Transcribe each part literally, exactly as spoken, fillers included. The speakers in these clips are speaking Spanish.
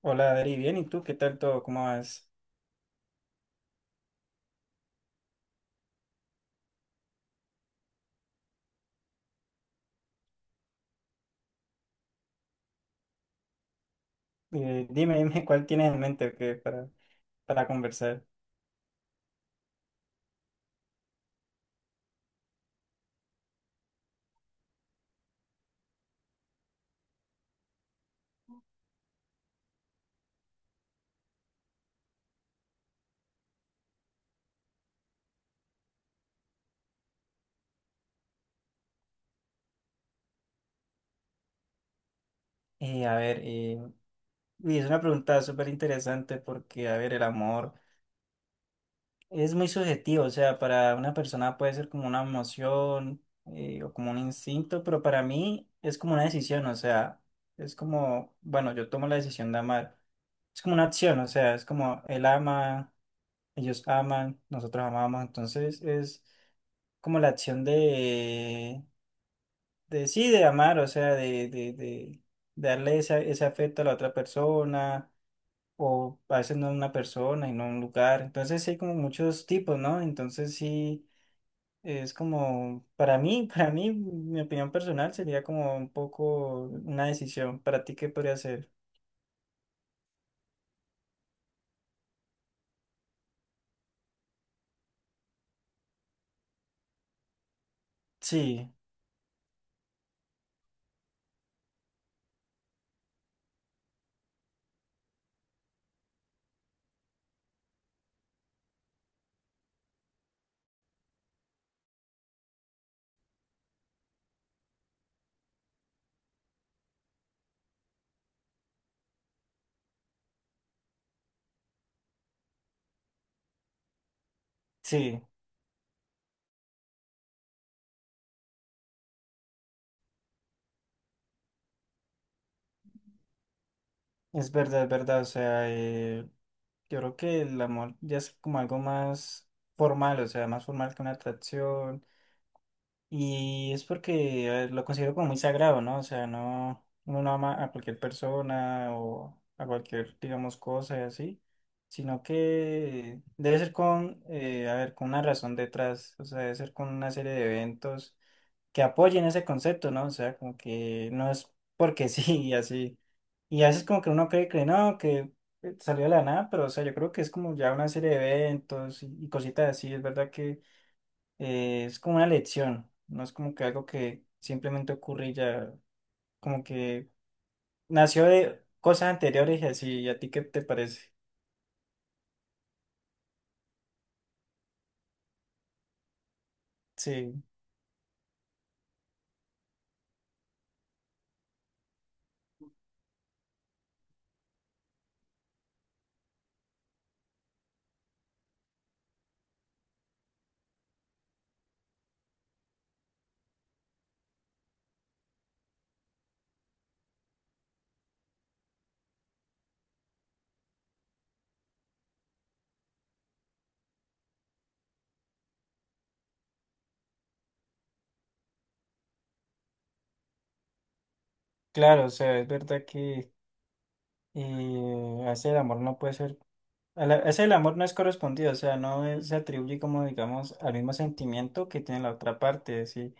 Hola, Adri, bien, ¿y tú qué tal todo? ¿Cómo vas? Eh, dime, dime cuál tienes en mente o qué para, para conversar. Eh, a ver, eh, uy, es una pregunta súper interesante porque, a ver, el amor es muy subjetivo, o sea, para una persona puede ser como una emoción eh, o como un instinto, pero para mí es como una decisión, o sea, es como, bueno, yo tomo la decisión de amar, es como una acción, o sea, es como él ama, ellos aman, nosotros amamos, entonces es como la acción de de sí, de amar, o sea, de, de, de darle esa- ese afecto a la otra persona, o a veces no a una persona y no a un lugar. Entonces sí hay como muchos tipos, ¿no? Entonces sí es como, para mí, para mí, mi opinión personal sería como un poco una decisión. ¿Para ti qué podría ser? Sí, sí, es verdad, es verdad, o sea, eh, yo creo que el amor ya es como algo más formal, o sea, más formal que una atracción. Y es porque eh, lo considero como muy sagrado, ¿no? O sea, no, uno no ama a cualquier persona o a cualquier, digamos, cosa y así, sino que debe ser con, eh, a ver, con una razón detrás, o sea, debe ser con una serie de eventos que apoyen ese concepto, ¿no? O sea, como que no es porque sí y así. Y a veces como que uno cree que no, que eh, salió de la nada, pero o sea, yo creo que es como ya una serie de eventos y, y cositas así, es verdad que eh, es como una lección, no es como que algo que simplemente ocurre y ya, como que nació de cosas anteriores y así, ¿y a ti qué te parece? Sí, claro, o sea, es verdad que eh, hacer el amor no puede ser, a la- hacer el amor no es correspondido, o sea, no es- se atribuye como, digamos, al mismo sentimiento que tiene la otra parte, sí,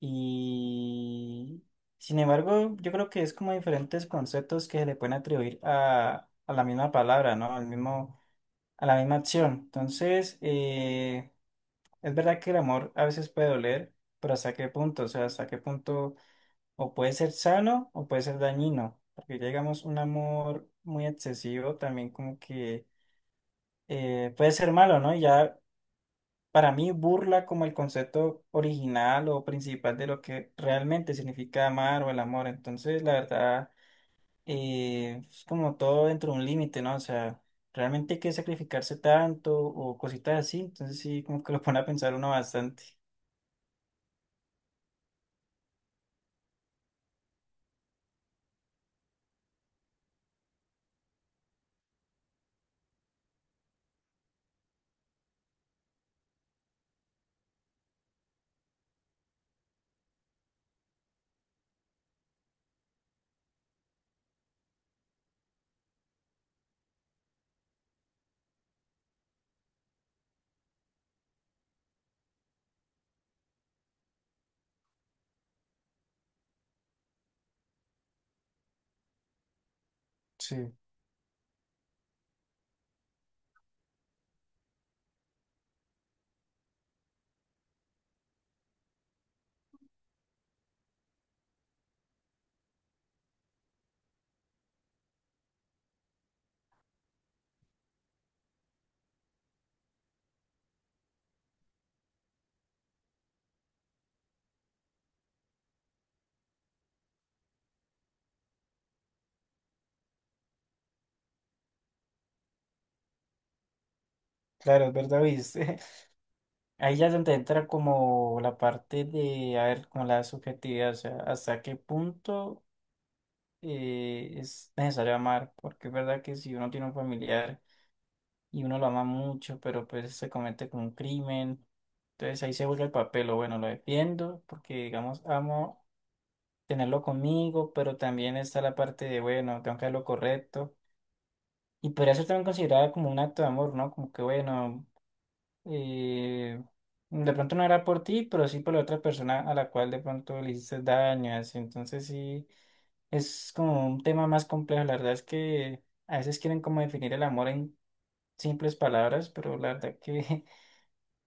y... Sin embargo, yo creo que es como diferentes conceptos que se le pueden atribuir a, a la misma palabra, ¿no? Al mismo, a la misma acción. Entonces, eh, es verdad que el amor a veces puede doler, pero ¿hasta qué punto? O sea, ¿hasta qué punto o puede ser sano o puede ser dañino? Porque ya digamos un amor muy excesivo también como que eh, puede ser malo, ¿no? Y ya para mí burla como el concepto original o principal de lo que realmente significa amar o el amor. Entonces, la verdad eh, es como todo dentro de un límite, ¿no? O sea, realmente hay que sacrificarse tanto o cositas así, entonces sí, como que lo pone a pensar uno bastante. Sí, claro, es verdad, viste. Ahí ya es donde entra como la parte de, a ver, como la subjetividad, o sea, hasta qué punto eh, es necesario amar, porque es verdad que si uno tiene un familiar y uno lo ama mucho, pero pues se comete como un crimen. Entonces ahí se vuelve el papel, o bueno, lo defiendo porque digamos amo tenerlo conmigo, pero también está la parte de, bueno, tengo que hacer lo correcto. Y podría ser también considerada como un acto de amor, ¿no? Como que, bueno, eh, de pronto no era por ti, pero sí por la otra persona a la cual de pronto le hiciste daño, así. Entonces sí, es como un tema más complejo. La verdad es que a veces quieren como definir el amor en simples palabras, pero la verdad que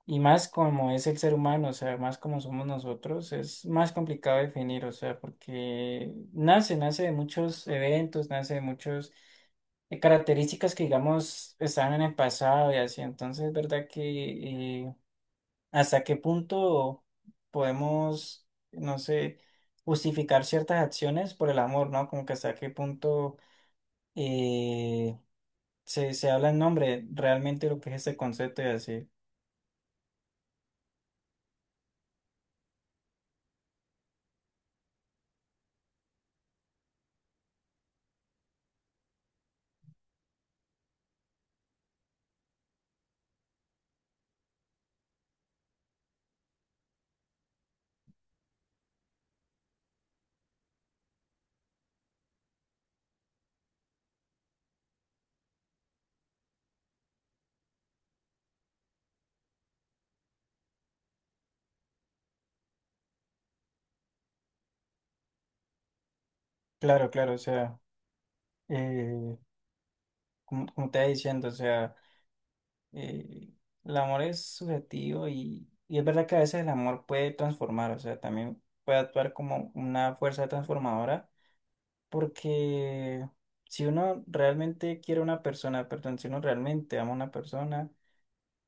Y más como es el ser humano, o sea, más como somos nosotros, es más complicado definir, o sea, porque nace, nace de muchos eventos, nace de muchas características que, digamos, estaban en el pasado y así. Entonces, es verdad que eh, hasta qué punto podemos, no sé, justificar ciertas acciones por el amor, ¿no? Como que hasta qué punto eh, se, se habla en nombre realmente de lo que es este concepto y así. Claro, claro, o sea. eh, como, como te iba diciendo, o sea, eh, el amor es subjetivo y, y es verdad que a veces el amor puede transformar, o sea, también puede actuar como una fuerza transformadora, porque si uno realmente quiere a una persona, perdón, si uno realmente ama a una persona,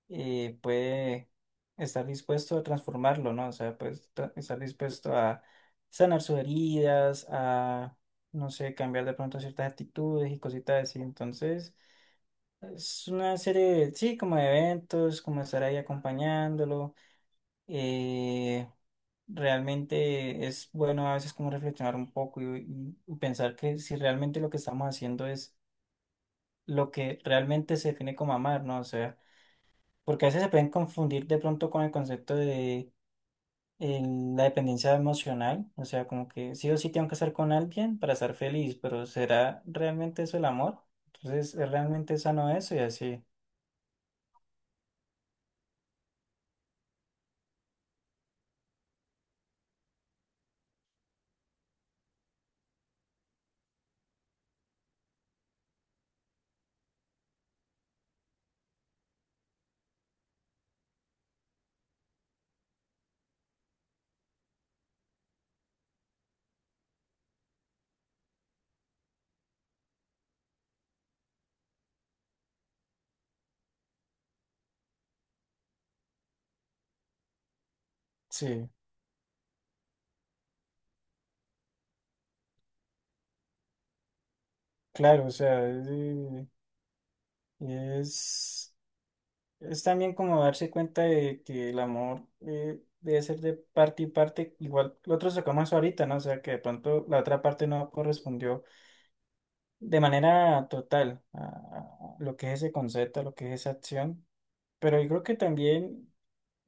eh, puede estar dispuesto a transformarlo, ¿no? O sea, pues tra- estar dispuesto a sanar sus heridas, a, no sé, cambiar de pronto ciertas actitudes y cositas así, entonces... Es una serie, sí, como de eventos, como estar ahí acompañándolo. eh, realmente es bueno a veces como reflexionar un poco y, y- y pensar que si realmente lo que estamos haciendo es lo que realmente se define como amar, ¿no? O sea, porque a veces se pueden confundir de pronto con el concepto de el- la dependencia emocional, o sea, como que sí o sí tengo que estar con alguien para estar feliz, pero ¿será realmente eso el amor? Entonces, ¿es realmente sano eso? Y así, sí. Claro, o sea, es, eh, es, es también como darse cuenta de que el amor eh, debe ser de parte y parte, igual lo otro sacamos ahorita, ¿no? O sea, que de pronto la otra parte no correspondió de manera total a, a lo que es ese concepto, a lo que es esa acción, pero yo creo que también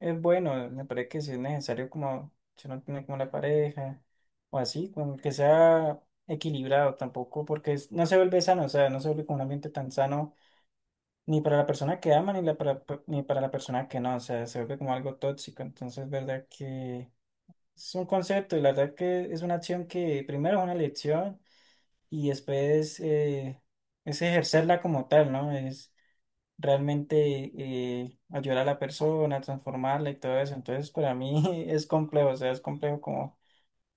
es bueno, me parece que si es necesario como, si uno tiene como la pareja o así, como que sea equilibrado tampoco, porque es- no se vuelve sano, o sea, no se vuelve como un ambiente tan sano ni para la persona que ama, ni, la para- ni para la persona que no, o sea, se vuelve como algo tóxico. Entonces, verdad que es un concepto y la verdad que es una acción que primero es una lección y después eh, es ejercerla como tal, ¿no? Es realmente eh, ayudar a la persona, transformarla y todo eso. Entonces, para mí es complejo, o sea, es complejo como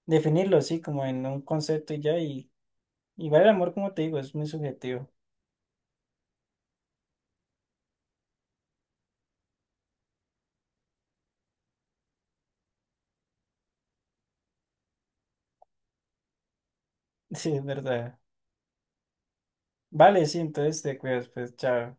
definirlo así, como en un concepto y ya. Y igual el amor, como te digo, es muy subjetivo. Sí, es verdad. Vale, sí, entonces te cuidas, pues, chao.